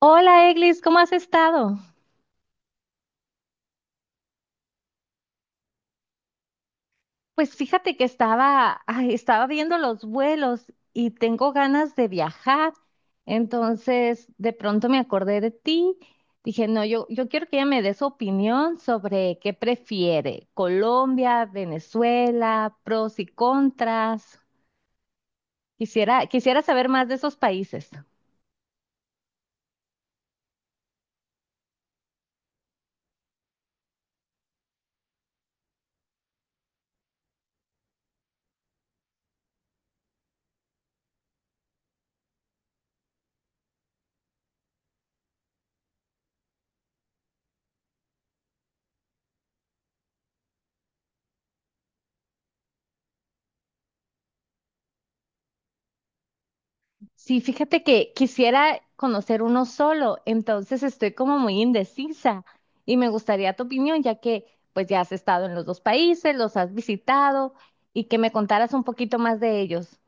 Hola, Eglis, ¿cómo has estado? Pues fíjate que estaba, ay, estaba viendo los vuelos y tengo ganas de viajar. Entonces, de pronto me acordé de ti. Dije, no, yo quiero que ella me dé su opinión sobre qué prefiere, Colombia, Venezuela, pros y contras. Quisiera saber más de esos países. Sí, fíjate que quisiera conocer uno solo, entonces estoy como muy indecisa y me gustaría tu opinión, ya que pues ya has estado en los dos países, los has visitado y que me contaras un poquito más de ellos.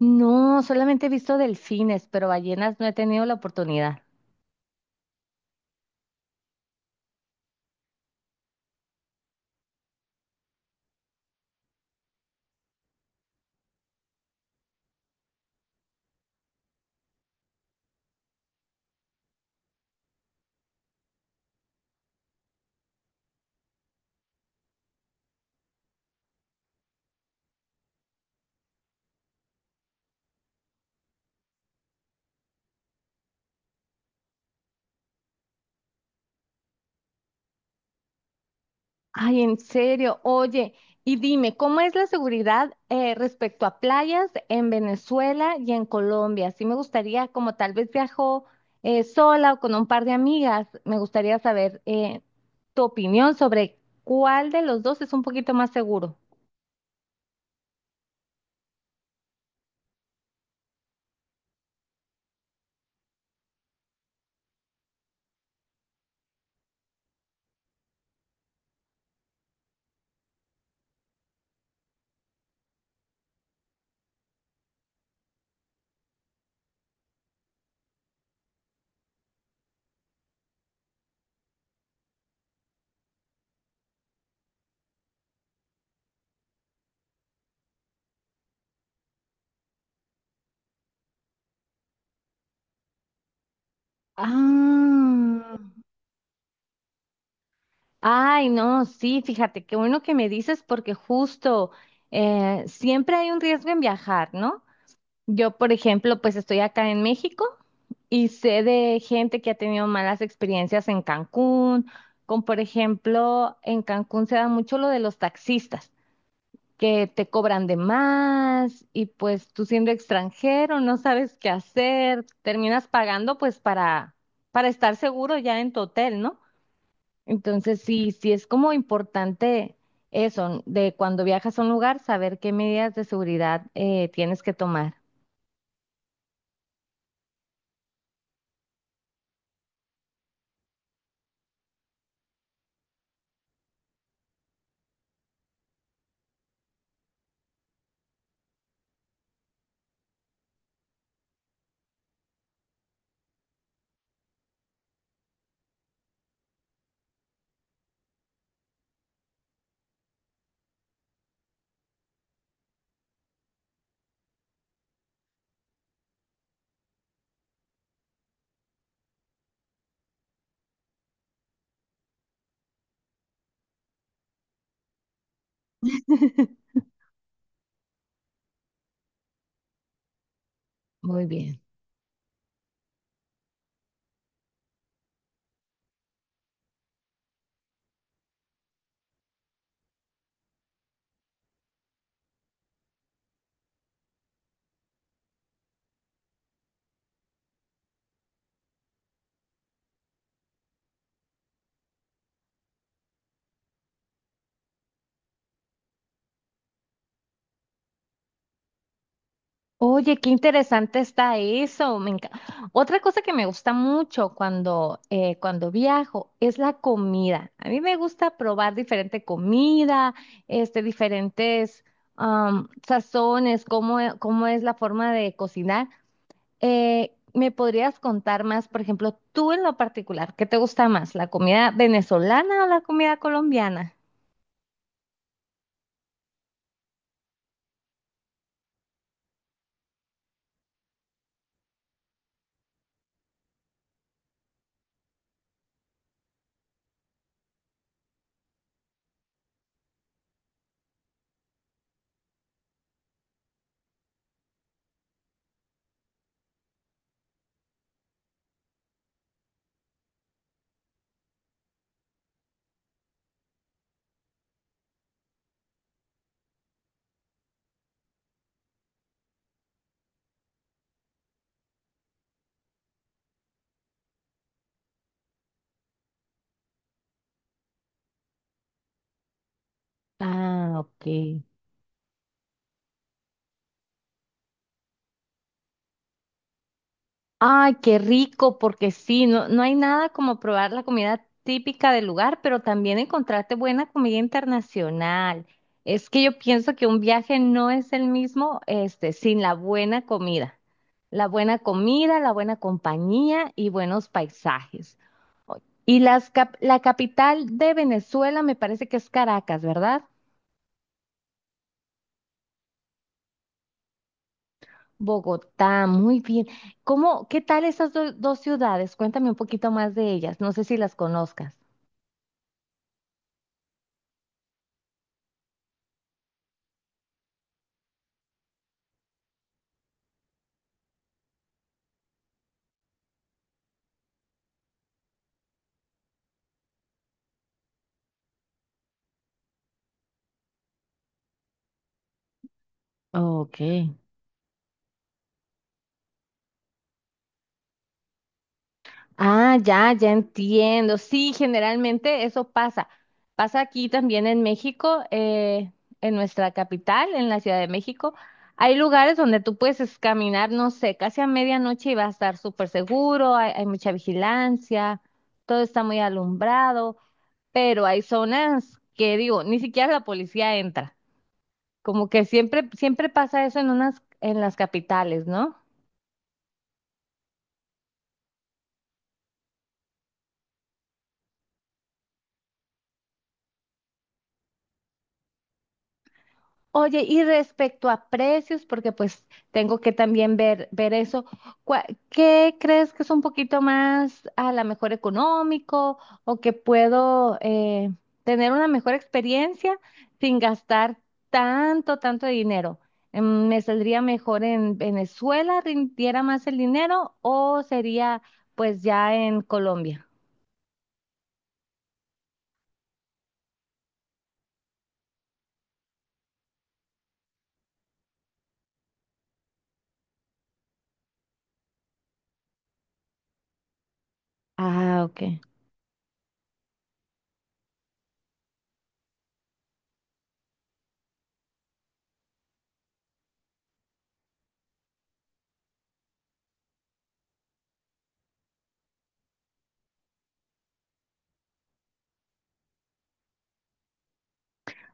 No, solamente he visto delfines, pero ballenas no he tenido la oportunidad. Ay, en serio, oye, y dime, ¿cómo es la seguridad respecto a playas en Venezuela y en Colombia? Sí me gustaría, como tal vez viajo sola o con un par de amigas, me gustaría saber tu opinión sobre cuál de los dos es un poquito más seguro. Ah, ay, no, sí, fíjate, qué bueno que me dices porque justo siempre hay un riesgo en viajar, ¿no? Yo, por ejemplo, pues estoy acá en México y sé de gente que ha tenido malas experiencias en Cancún, como por ejemplo, en Cancún se da mucho lo de los taxistas, que te cobran de más y pues tú siendo extranjero no sabes qué hacer, terminas pagando pues para estar seguro ya en tu hotel, ¿no? Entonces sí, sí es como importante eso, de cuando viajas a un lugar, saber qué medidas de seguridad tienes que tomar. Muy bien. Oye, qué interesante está eso. Otra cosa que me gusta mucho cuando, cuando viajo es la comida. A mí me gusta probar diferente comida, diferentes sazones, cómo es la forma de cocinar. ¿Me podrías contar más, por ejemplo, tú en lo particular, qué te gusta más, la comida venezolana o la comida colombiana? Ah, ok. Ay, qué rico, porque sí, no, no hay nada como probar la comida típica del lugar, pero también encontrarte buena comida internacional. Es que yo pienso que un viaje no es el mismo, sin la buena comida. La buena comida, la buena compañía y buenos paisajes. Y la capital de Venezuela me parece que es Caracas, ¿verdad? Bogotá, muy bien. ¿Cómo, qué tal esas dos ciudades? Cuéntame un poquito más de ellas. No sé si las conozcas. Ok. Ah, ya, ya entiendo. Sí, generalmente eso pasa. Pasa aquí también en México, en nuestra capital, en la Ciudad de México. Hay lugares donde tú puedes caminar, no sé, casi a medianoche y va a estar súper seguro, hay mucha vigilancia, todo está muy alumbrado, pero hay zonas que digo, ni siquiera la policía entra. Como que siempre, siempre pasa eso en unas, en las capitales, ¿no? Oye, y respecto a precios, porque pues tengo que también ver, ver eso, ¿cuá- ¿qué crees que es un poquito más a la mejor económico o que puedo tener una mejor experiencia sin gastar tanto, tanto dinero? ¿Me saldría mejor en Venezuela, rindiera más el dinero o sería pues ya en Colombia? Ah, ok.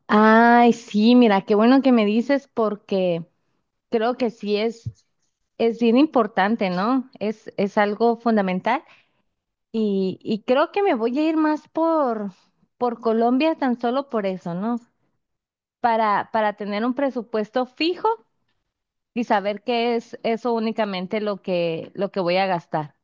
Ay, sí, mira, qué bueno que me dices porque creo que sí es bien importante, ¿no? Es algo fundamental y creo que me voy a ir más por Colombia tan solo por eso, ¿no? Para tener un presupuesto fijo y saber que es eso únicamente lo que voy a gastar.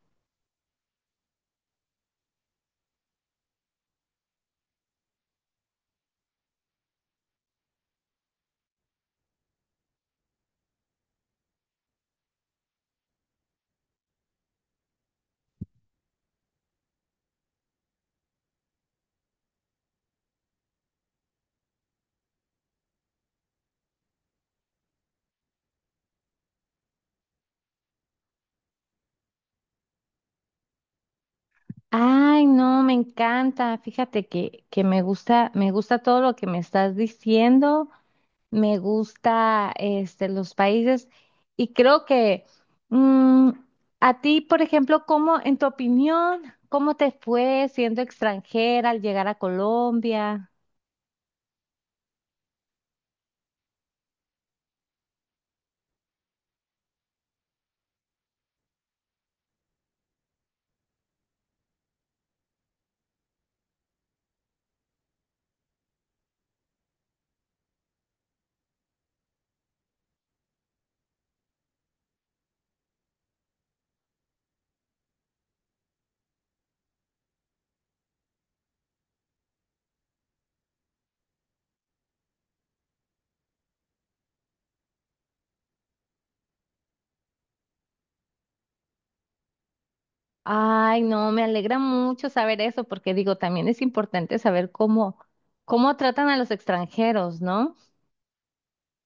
Ay, no, me encanta. Fíjate que me gusta todo lo que me estás diciendo. Me gusta los países y creo que mm, a ti, por ejemplo, ¿cómo, en tu opinión, cómo te fue siendo extranjera al llegar a Colombia? Ay, no, me alegra mucho saber eso porque digo, también es importante saber cómo, cómo tratan a los extranjeros, ¿no?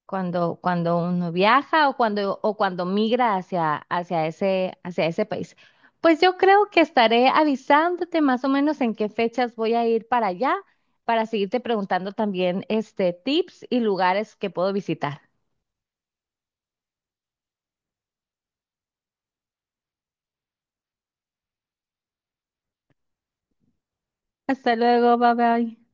Cuando, cuando uno viaja o cuando migra hacia ese país. Pues yo creo que estaré avisándote más o menos en qué fechas voy a ir para allá, para seguirte preguntando también tips y lugares que puedo visitar. Hasta luego, bye bye.